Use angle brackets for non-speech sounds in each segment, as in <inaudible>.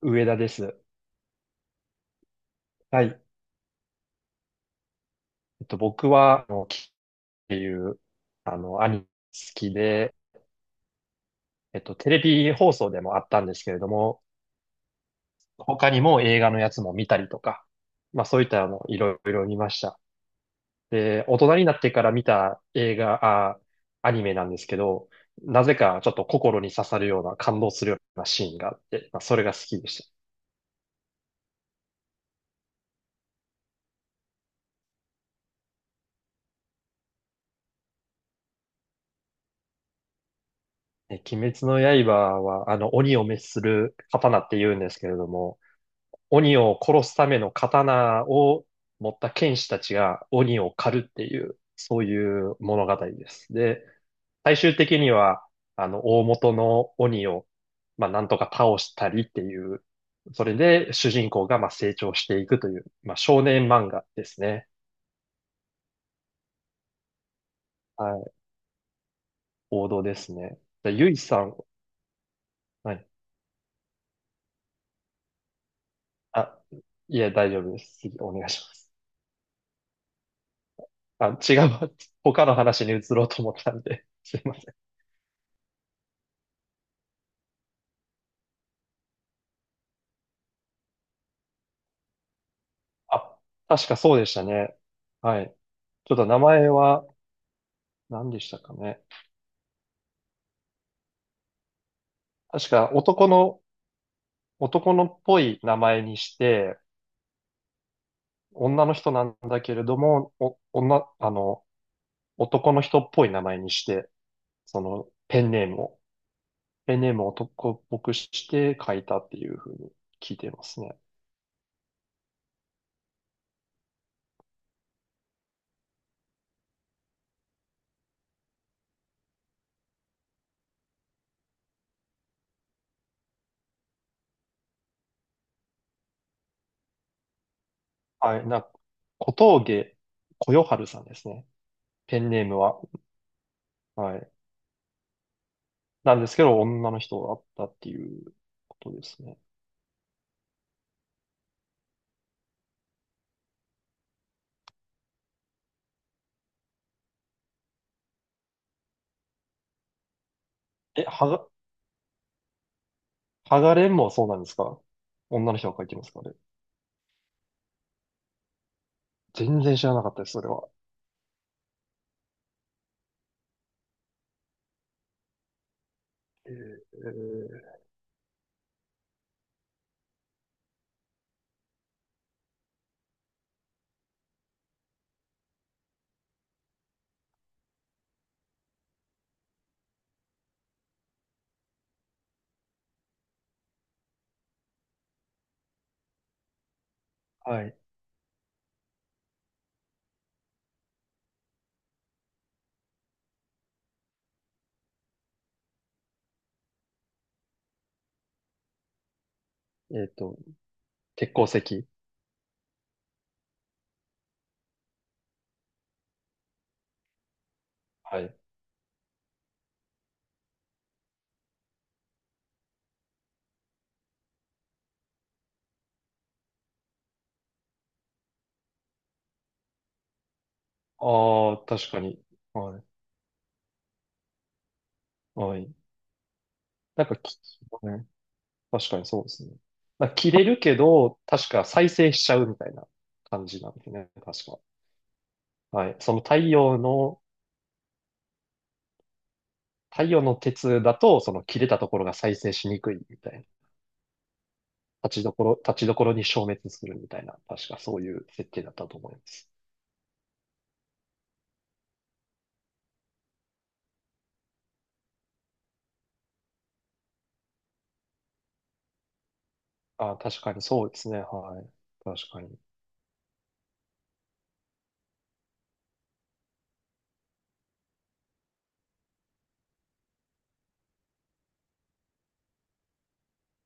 上田です。はい。僕は、キっていう、アニメ好きで、テレビ放送でもあったんですけれども、他にも映画のやつも見たりとか、まあそういったいろいろ見ました。で、大人になってから見た映画、アニメなんですけど、なぜかちょっと心に刺さるような、感動するようなシーンがあって、まあそれが好きでした。え、鬼滅の刃は、鬼を滅する刀って言うんですけれども、鬼を殺すための刀を持った剣士たちが鬼を狩るっていう、そういう物語です。で、最終的には、大元の鬼を、まあ、なんとか倒したりっていう、それで主人公がまあ成長していくという、まあ、少年漫画ですね。はい。王道ですね。じゃあ、ゆいさん、はい。あ、いえ、大丈夫です。次、お願いします。あ、違う <laughs> 他の話に移ろうと思ったんで、すいません。あ、確かそうでしたね。はい。ちょっと名前は何でしたかね。確か男の、男のっぽい名前にして、女の人なんだけれども、お、女、男の人っぽい名前にして、そのペンネームを、ペンネームを男っぽくして書いたっていうふうに聞いていますね。はい。な、小峠小夜春さんですね。ペンネームは。はい。なんですけど、女の人だったっていうことですね。え、はが、剥がれんもそうなんですか？女の人が書いてますかね。全然知らなかったです、それは。えー、はい。えっと、鉄鉱石。はい。ああ、確かに。はい。はい。なんか、き、ね、確かにそうですね。なんか切れるけど、確か再生しちゃうみたいな感じなんですね。確か。はい。太陽の鉄だと、その切れたところが再生しにくいみたいな。立ちどころに消滅するみたいな。確かそういう設定だったと思います。あ、確かにそうですね。はい。確かに。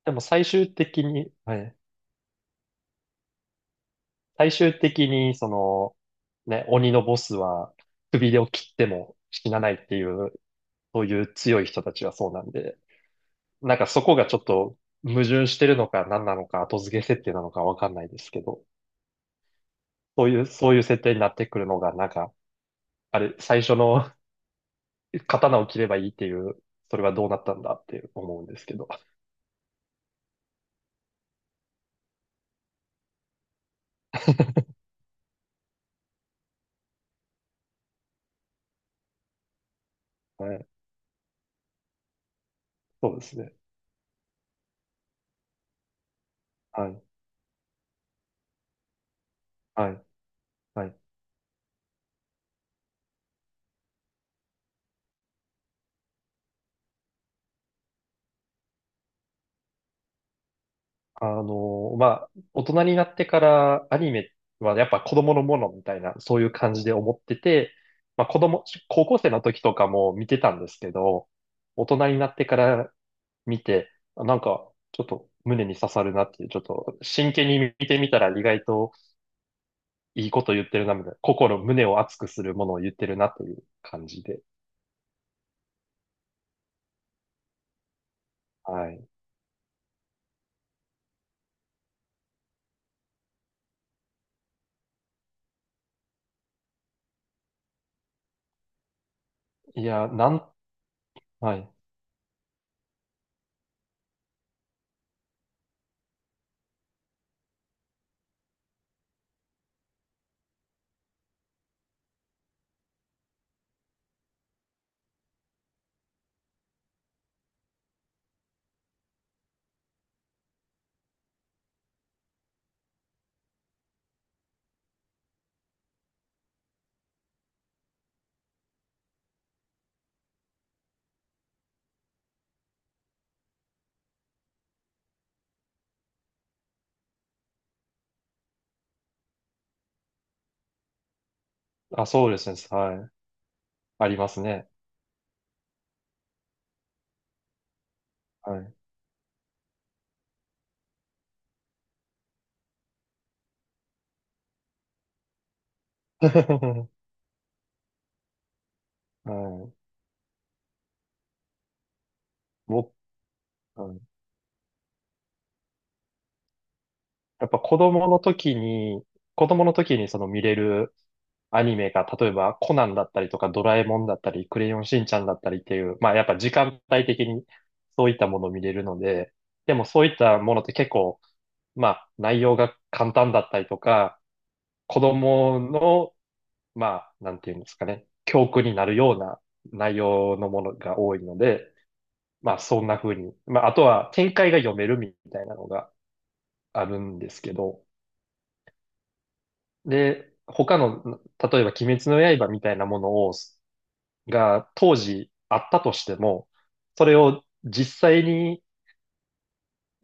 でも最終的に、はい。最終的に、その、ね、鬼のボスは首を切っても死なないっていう、そういう強い人たちはそうなんで、なんかそこがちょっと矛盾してるのか何なのか後付け設定なのかわかんないですけど、そういう設定になってくるのが、なんか、あれ、最初の <laughs> 刀を切ればいいっていう、それはどうなったんだって思うんですけど。はい。そうですね。はい。はい。はい。まあ、大人になってからアニメはやっぱ子供のものみたいな、そういう感じで思ってて、まあ子供、高校生の時とかも見てたんですけど、大人になってから見て、あなんかちょっと胸に刺さるなっていう、ちょっと真剣に見てみたら意外といいこと言ってるな、みたいな、心、胸を熱くするものを言ってるなという感じで。はい。いや、なん、はい。あ、そうですね。はい。ありますね。はい。<laughs> はい。僕はいやっぱ子供の時に、子供の時にその見れるアニメが、例えばコナンだったりとかドラえもんだったり、クレヨンしんちゃんだったりっていう、まあやっぱ時間帯的にそういったものを見れるので、でもそういったものって結構、まあ内容が簡単だったりとか、子供の、まあなんていうんですかね、教訓になるような内容のものが多いので、まあそんな風に、まああとは展開が読めるみたいなのがあるんですけど、で、他の、例えば鬼滅の刃みたいなものを、が当時あったとしても、それを実際に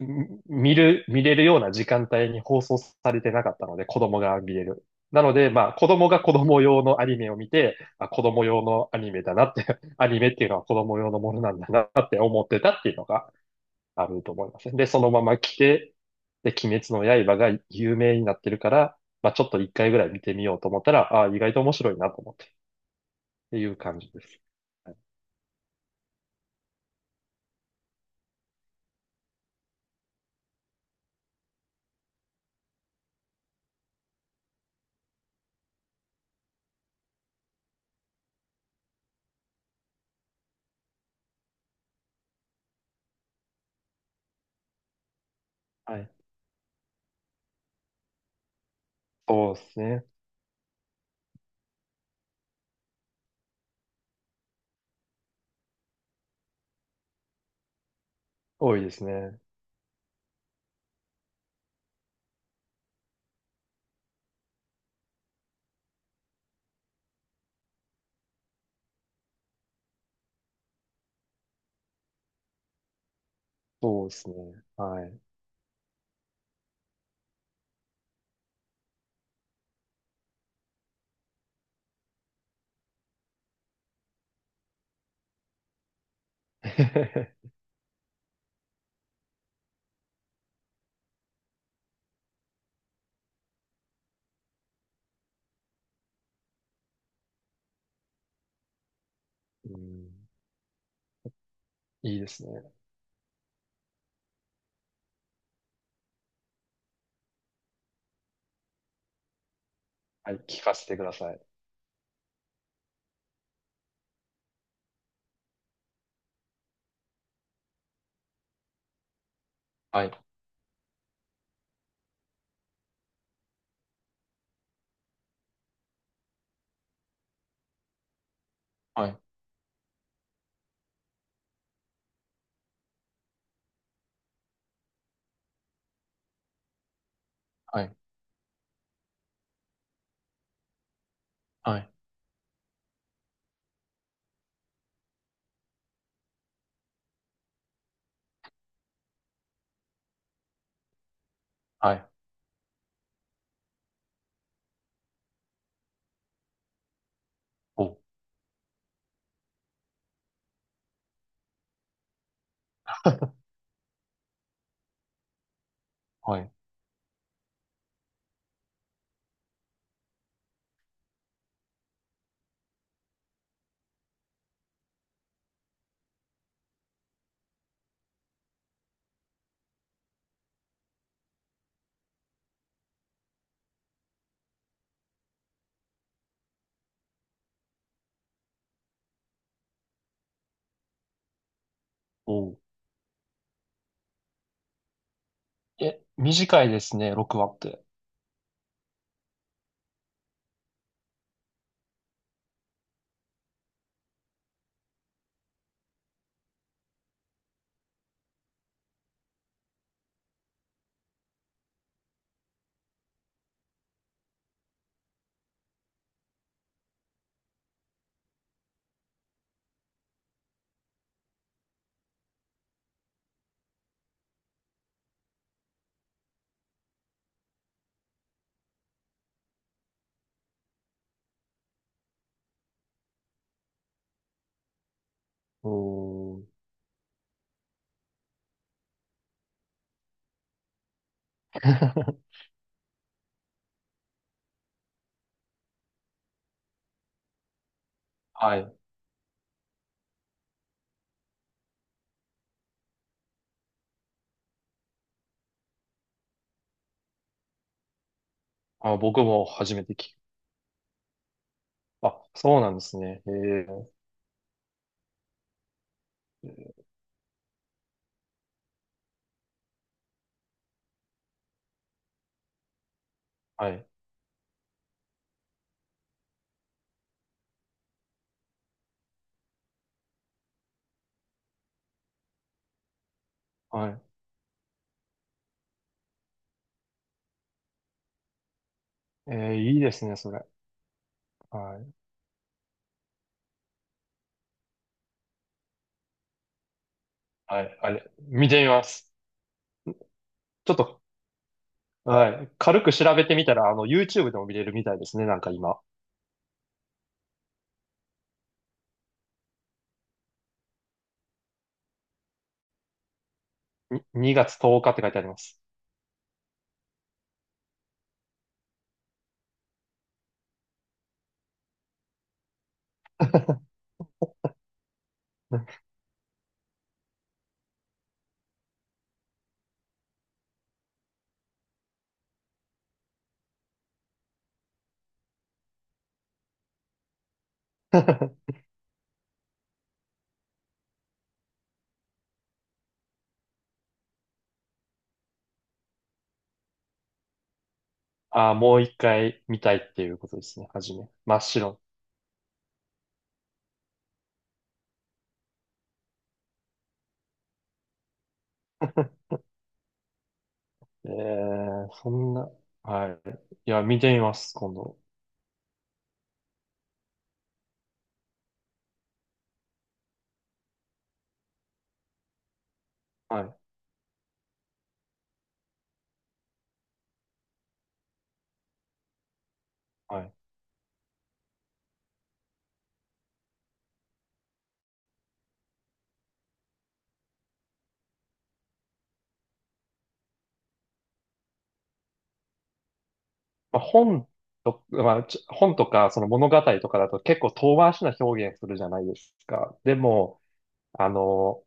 ん見る、見れるような時間帯に放送されてなかったので、子供が見れる。なので、まあ、子供が子供用のアニメを見て、あ、子供用のアニメだなって、<laughs> アニメっていうのは子供用のものなんだなって思ってたっていうのがあると思いますね。で、そのまま来て、で、鬼滅の刃が有名になってるから、まあちょっと一回ぐらい見てみようと思ったら、ああ、意外と面白いなと思って、っていう感じです。はい。はい、そうですね。多いですね。そうですね。はい。<laughs> うん、いいですね。はい、聞かせてください。はい、はい、はい、はい、はい。おう、<laughs> はい、おう。え、短いですね、6話って。おー。<laughs> はい。あ、僕も初めて聞き、あ、そうなんですね。ええ、はい、はい。ええ、いいですね、それ。はい、はい、あれ、見てみます。ちょっと、はい、軽く調べてみたら、あの、YouTube でも見れるみたいですね、なんか今。に2月10日って書いてあります。<laughs> ああ、もう一回見たいっていうことですね、はじめ。真っ白。<laughs> ええ、そんな、はい。いや、見てみます、今度。はい、はい。まあ、本と、まあ、ちょ本とかその物語とかだと結構遠回しな表現するじゃないですか。でも、あの、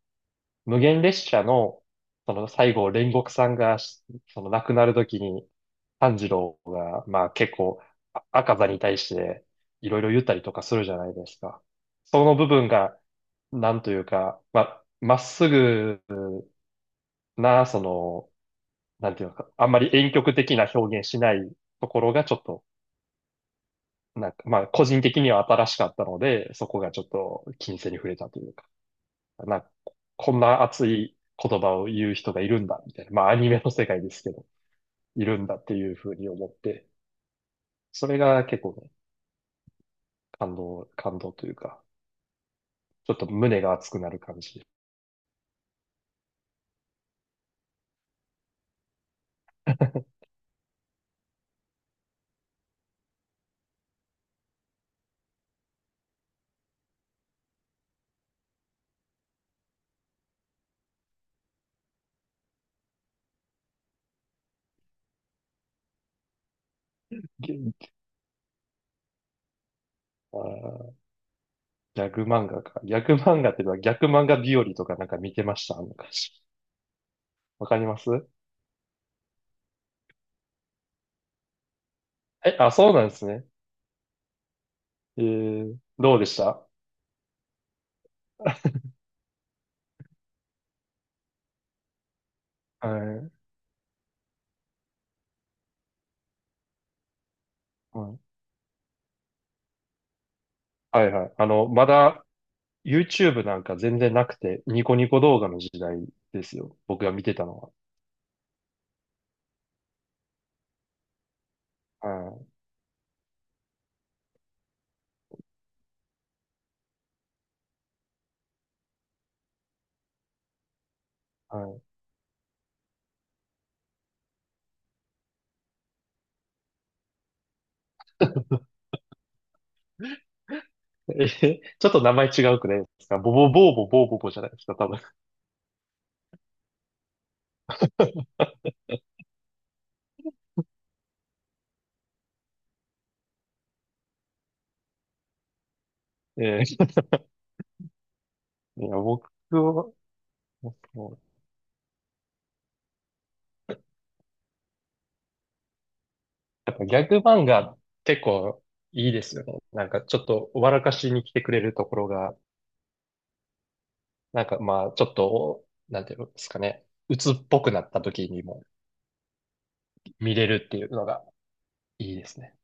無限列車の、その最後、煉獄さんがし、その亡くなる時に、炭治郎が、まあ結構、あ赤座に対していろいろ言ったりとかするじゃないですか。その部分が、なんというか、まあ、まっすぐな、その、なんていうのか、あんまり婉曲的な表現しないところがちょっと、なんか、まあ、個人的には新しかったので、そこがちょっと金銭に触れたというか、なんか、こんな熱い言葉を言う人がいるんだ、みたいな。まあ、アニメの世界ですけど、いるんだっていうふうに思って、それが結構ね、感動というか、ちょっと胸が熱くなる感じ。<laughs> ギャあー、ギャグ漫画か。ギャグ漫画っていうのは逆漫画日和とかなんか見てましたあの感じ。わかります。え、あ、そうなんですね。えー、どうでした？ <laughs> はい、はい、はいはい。あの、まだ YouTube なんか全然なくて、ニコニコ動画の時代ですよ。僕が見てたのは。はいはい。 <laughs> え、ちょっと名前違うくないですか？ボボボーボボーボボじゃないですか、多分。<laughs> えー、いや、僕は、そう、やっぱギャグ漫画結構いいですよね。なんかちょっと笑かしに来てくれるところが、なんかまあちょっと、なんていうんですかね。鬱っぽくなった時にも見れるっていうのがいいですね。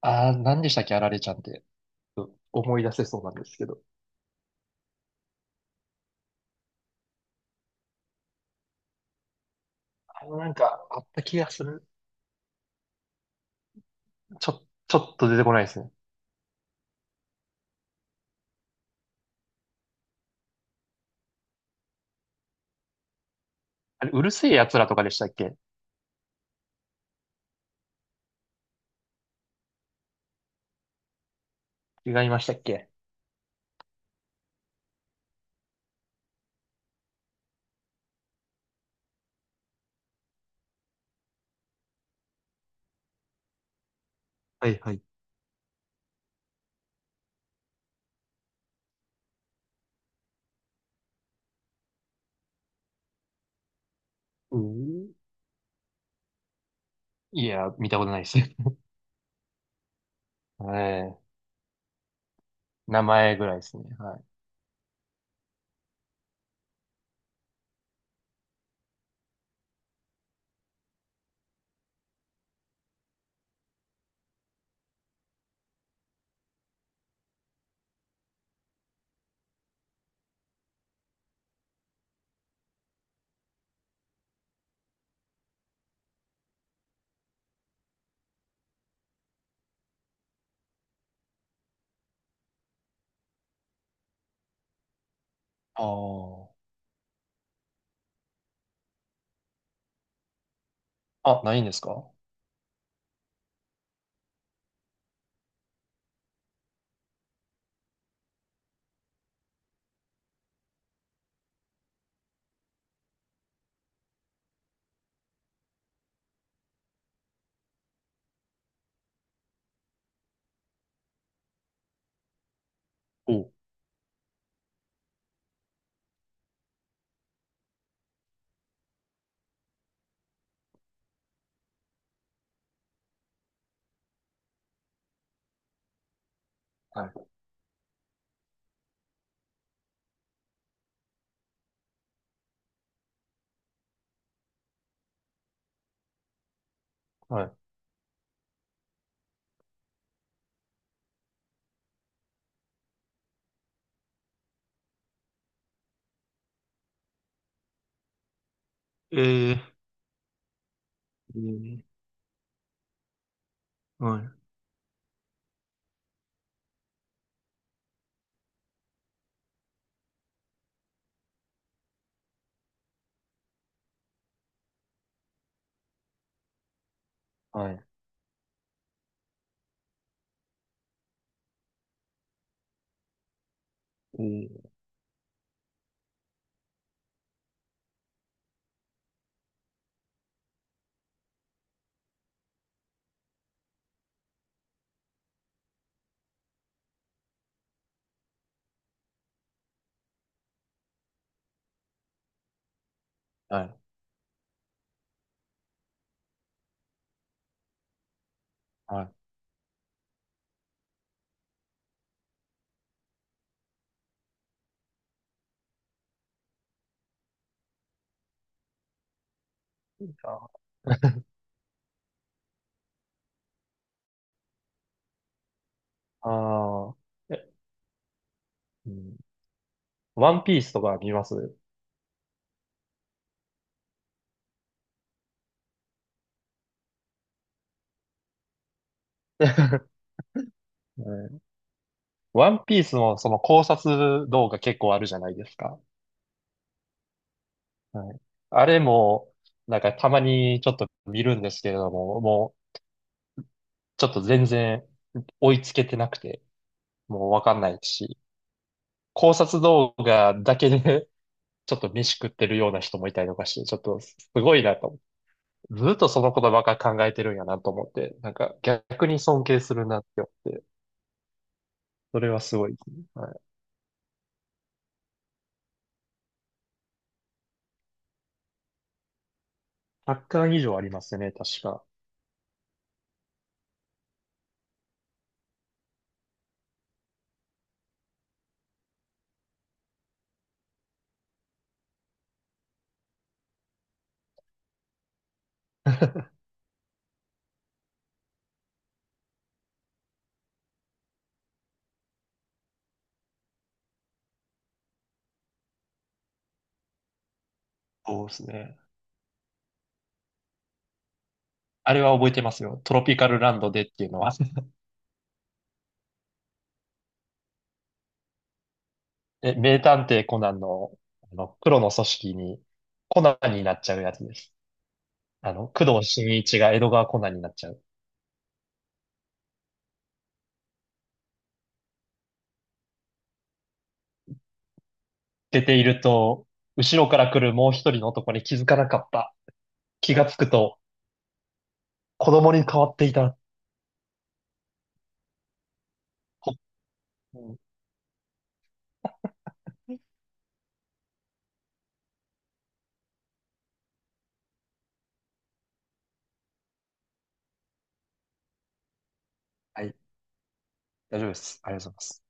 ああ、何でしたっけ、あられちゃんって。思い出せそうなんですけど。あのなんか、あった気がする。ちょ、ちょっと出てこないですね。あれ、うるせえ奴らとかでしたっけ？違いましたっけ？はいはい。うん。いや、見たことないです。<laughs> ええ、名前ぐらいですね。はい。ああ、あ、ないんですか？はう。い。はい。えー、えー、はい。はい。えー、はい。はい。あ <laughs> あー、え、うん、ワンピースとか見ます？えー <laughs> ワンピースのその考察動画結構あるじゃないですか。はい。あれも、なんかたまにちょっと見るんですけれども、もうちょっと全然追いつけてなくて、もうわかんないし、考察動画だけで <laughs> ちょっと飯食ってるような人もいたりとかして、ちょっとすごいなと思って、ずっとそのことばっか考えてるんやなと思って、なんか逆に尊敬するなって思って、それはすごいですね。はい。100巻以上ありますね、確か。そうですね。あれは覚えてますよ。トロピカルランドでっていうのは、え、名探偵コナンの、あの、黒の組織に、コナンになっちゃうやつです。あの、工藤新一が江戸川コナンになっちゃう。出ていると、後ろから来るもう一人の男に気づかなかった。気がつくと、子供に変わっていた。ほうん。はい、大丈夫です。ありがとうございます。